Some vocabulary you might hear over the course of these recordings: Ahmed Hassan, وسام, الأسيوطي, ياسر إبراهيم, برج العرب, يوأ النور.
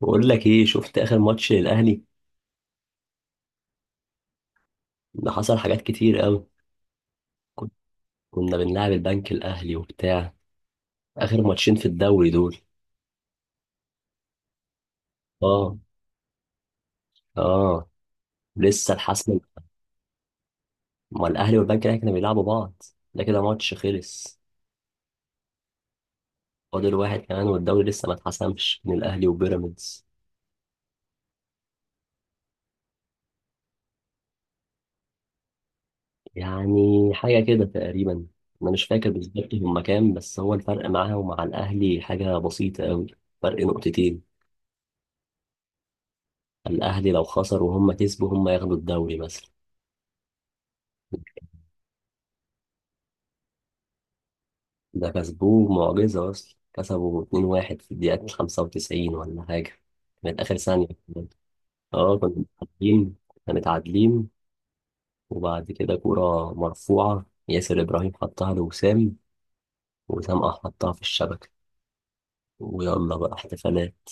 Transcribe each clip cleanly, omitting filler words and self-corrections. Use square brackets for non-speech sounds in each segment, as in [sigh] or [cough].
بقول لك ايه؟ شفت اخر ماتش للاهلي؟ ده حصل حاجات كتير قوي. كنت- كنا بنلعب البنك الاهلي وبتاع. اخر ماتشين في الدوري دول. اه. اه. لسه الحسم. ما الاهلي والبنك الاهلي كانوا بيلعبوا بعض، ده كده ماتش خلص. فاضل واحد كمان، والدوري لسه ما اتحسمش من الاهلي وبيراميدز. يعني حاجه كده تقريبا، انا مش فاكر بالظبط هما كام، بس هو الفرق معاه ومع الاهلي حاجه بسيطه قوي. فرق نقطتين. الاهلي لو خسر وهم كسبوا، هم ياخدوا الدوري مثلا. ده كسبوه معجزة، أصلا كسبوا 2-1 في الدقيقة 95 ولا حاجة، كانت آخر ثانية كمان. اه كنا متعادلين. كنا متعادلين، وبعد كده كورة مرفوعة ياسر إبراهيم حطها لوسام، وسام قام حطها في الشبكة، ويلا بقى احتفالات.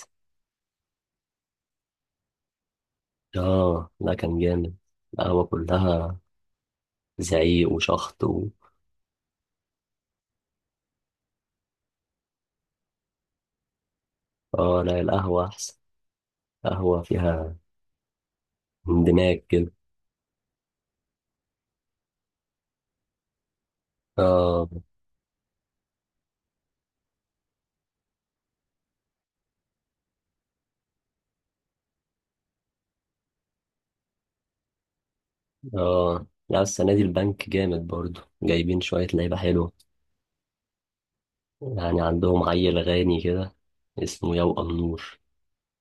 اه لا كان جامد، القهوة كلها زعيق وشخط و... اه لا القهوة أحسن. قهوة فيها اندماج كده. اه. اه لا السنة دي البنك جامد برضو، جايبين شوية لعيبة حلوة. يعني عندهم عيل غاني كده اسمه يوأ النور،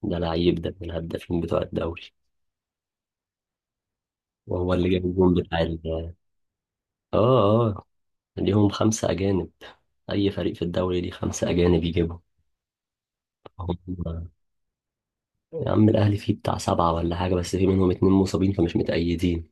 ده لعيب ده من الهدافين بتوع الدوري. وهو اللي جاب الجون بتاع اه آه. ليهم خمسة أجانب. أي فريق في الدوري ليه خمسة أجانب يجيبهم. هم. يا عم الأهلي فيه بتاع سبعة ولا حاجة، بس في منهم اتنين مصابين فمش متأيدين.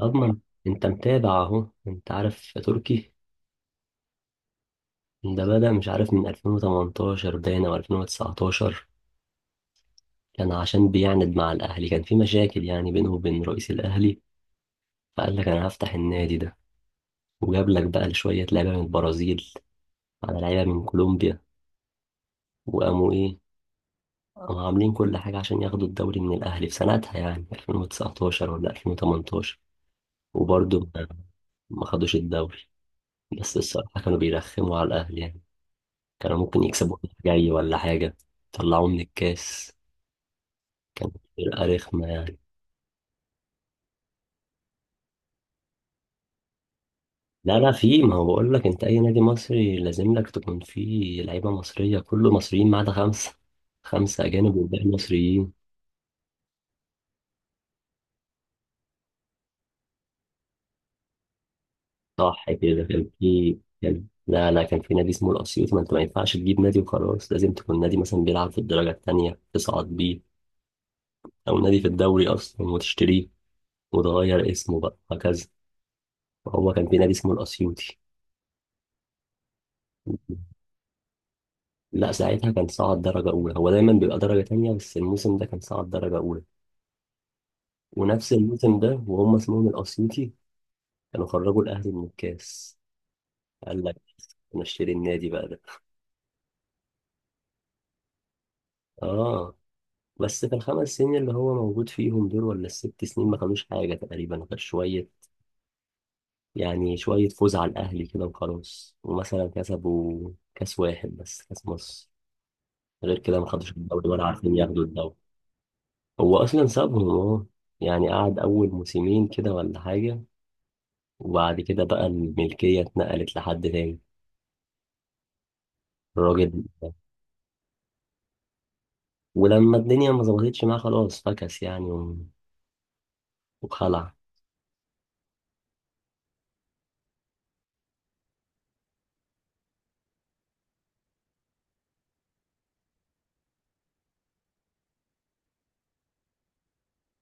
أضمن. أنت متابع أهو، أنت عارف تركي. ده بدأ مش عارف من 2018 باين أو 2019. كان عشان بيعند مع الأهلي، كان في مشاكل يعني بينه وبين رئيس الأهلي، فقال لك انا هفتح النادي ده. وجاب لك بقى شويه لعيبه من البرازيل، على لعيبه من كولومبيا، وقاموا ايه، قاموا عاملين كل حاجه عشان ياخدوا الدوري من الاهلي في سنتها، يعني 2019 ولا 2018. وبرضه ما خدوش الدوري. بس الصراحه كانوا بيرخموا على الاهلي يعني، كانوا ممكن يكسبوا الجاي ولا حاجه. طلعوه من الكاس. كانت فرقه رخمه يعني. لا لا، في، ما هو بقول لك، انت اي نادي مصري لازم لك تكون فيه لعيبه مصريه، كله مصريين ما عدا خمسه. خمسه اجانب والباقي مصريين. صح كده، كان في كان لا لا، كان في نادي اسمه الاسيوط. ما انت ما ينفعش تجيب نادي وخلاص، لازم تكون نادي مثلا بيلعب في الدرجه الثانيه تصعد بيه، او نادي في الدوري اصلا وتشتريه، وتغير اسمه بقى هكذا. هو كان في نادي اسمه الاسيوطي. لا ساعتها كان صعد درجة أولى. هو دايما بيبقى درجة تانية، بس الموسم ده كان صعد درجة أولى. ونفس الموسم ده، وهم اسمهم الأسيوطي، كانوا خرجوا الاهلي من الكاس. قال لك نشتري النادي بقى ده. اه. بس في الخمس سنين اللي هو موجود فيهم دول ولا الست سنين، ما خدوش حاجه تقريبا غير شويه. يعني شويه فوز على الاهلي كده وخلاص، ومثلا كسبوا كاس واحد، بس كاس مصر. غير كده ما خدوش الدوري، ولا عارفين ياخدوا الدوري. هو اصلا سابهم. اه، يعني قعد اول موسمين كده ولا حاجه، وبعد كده بقى الملكيه اتنقلت لحد تاني. الراجل، ولما الدنيا ما ظبطتش معاه خلاص، فكس يعني، وخلع.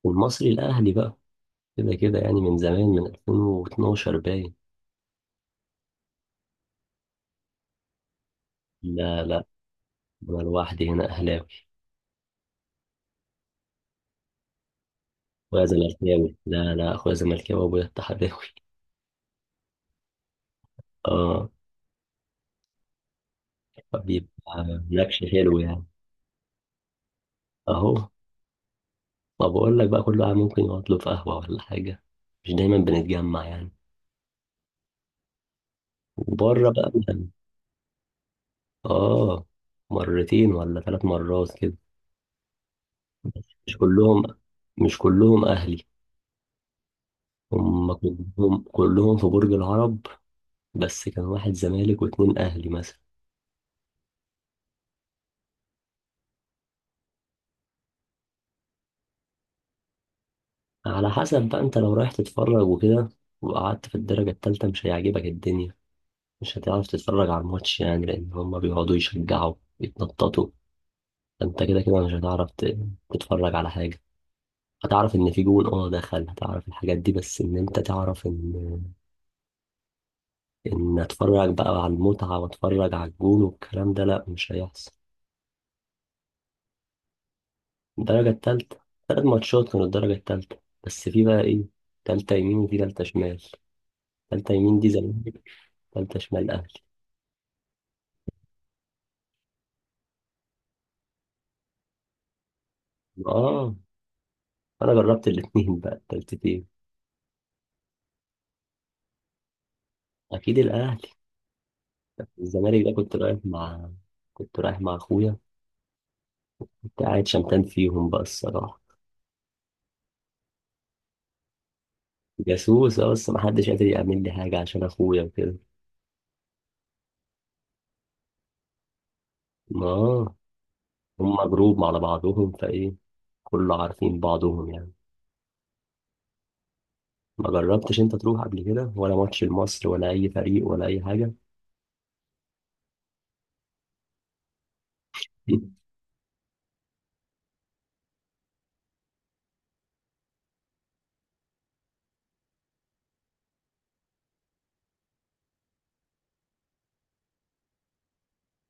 والمصري الأهلي بقى، كده كده، يعني من زمان من 2012 باين. لا لا. أنا لوحدي هنا أهلاوي. أخويا زملكاوي، لا لا، أخويا زملكاوي وأبويا اتحداوي. أه. فبيبقى نكش حلو يعني. أهو. ما بقول لك بقى، كل واحد ممكن يقعد له في قهوة ولا حاجة، مش دايما بنتجمع يعني، وبره بقى يعني. أه. مرتين ولا ثلاث مرات كده. بس مش كلهم. مش كلهم أهلي. هم كلهم كلهم في برج العرب. بس كان واحد زمالك واتنين اهلي مثلا. على حسب بقى، انت لو رايح تتفرج وكده وقعدت في الدرجة التالتة، مش هيعجبك الدنيا. مش هتعرف تتفرج على الماتش يعني، لأن هما بيقعدوا يشجعوا، يتنططوا. فانت كده كده مش هتعرف تتفرج على حاجة. هتعرف إن في جون اه دخل، هتعرف الحاجات دي، بس إن أنت تعرف إن أتفرج بقى على المتعة، وأتفرج على الجون والكلام ده، لأ مش هيحصل. الدرجة التالتة. تلات ماتشات كانوا الدرجة التالتة. بس في بقى إيه، تالتة يمين وفي تالتة شمال. تالتة يمين دي زمالك. تالتة شمال أهلي. آه. أنا جربت الاتنين بقى، التالتتين. أكيد الأهلي. الزمالك ده كنت رايح مع أخويا. كنت قاعد شمتان فيهم بقى الصراحة. جاسوس، آه، بس محدش قادر يعمل لي حاجة عشان أخويا وكده. آه. هما جروب على بعضهم، فإيه، كله عارفين بعضهم يعني. ما جربتش أنت تروح قبل كده ولا ماتش لمصر ولا أي فريق ولا أي حاجة؟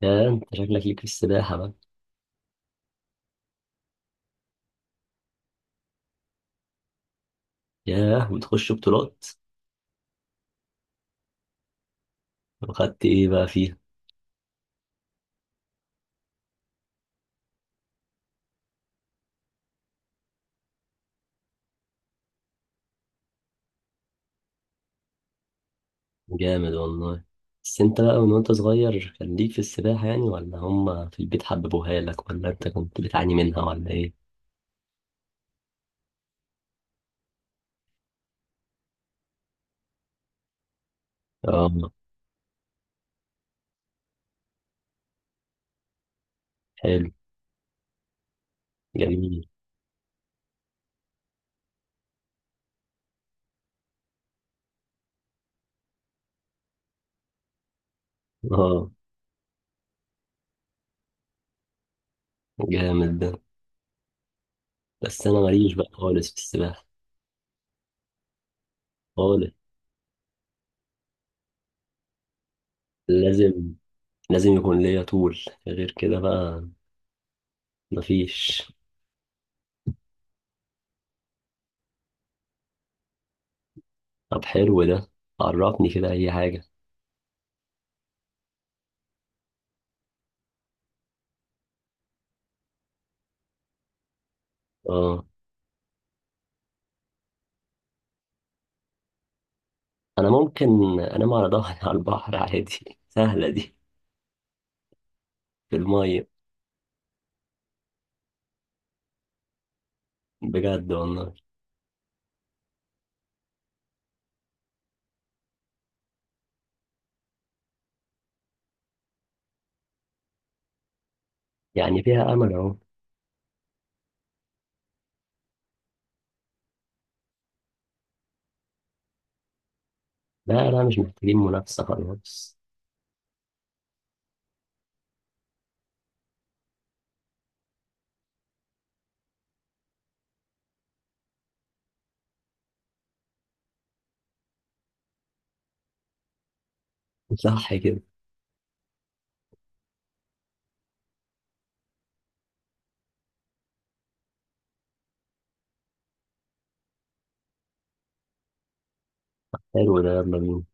يا أنت شكلك ليك في السباحة بقى. ياه وتخش بطولات. وخدت ايه بقى في. جامد والله. بس انت بقى من وانت صغير كان ليك في السباحة يعني، ولا هما في البيت حببوها لك، ولا انت كنت بتعاني منها ولا ايه؟ اه. حلو. جميل. اه. جامد ده. بس انا ماليش بقى خالص في السباحة. خالص. لازم، لازم يكون ليا طول، غير كده بقى مفيش. طب حلو ده، عرفني كده اي حاجة. اه انا ممكن انام على ظهري [laughs] على البحر عادي، سهلة دي. في المية. بجد والله. يعني فيها امل اهو. لا لا مش محتاجين منافسة خالص. صح كده. حلو ده، يلا بينا.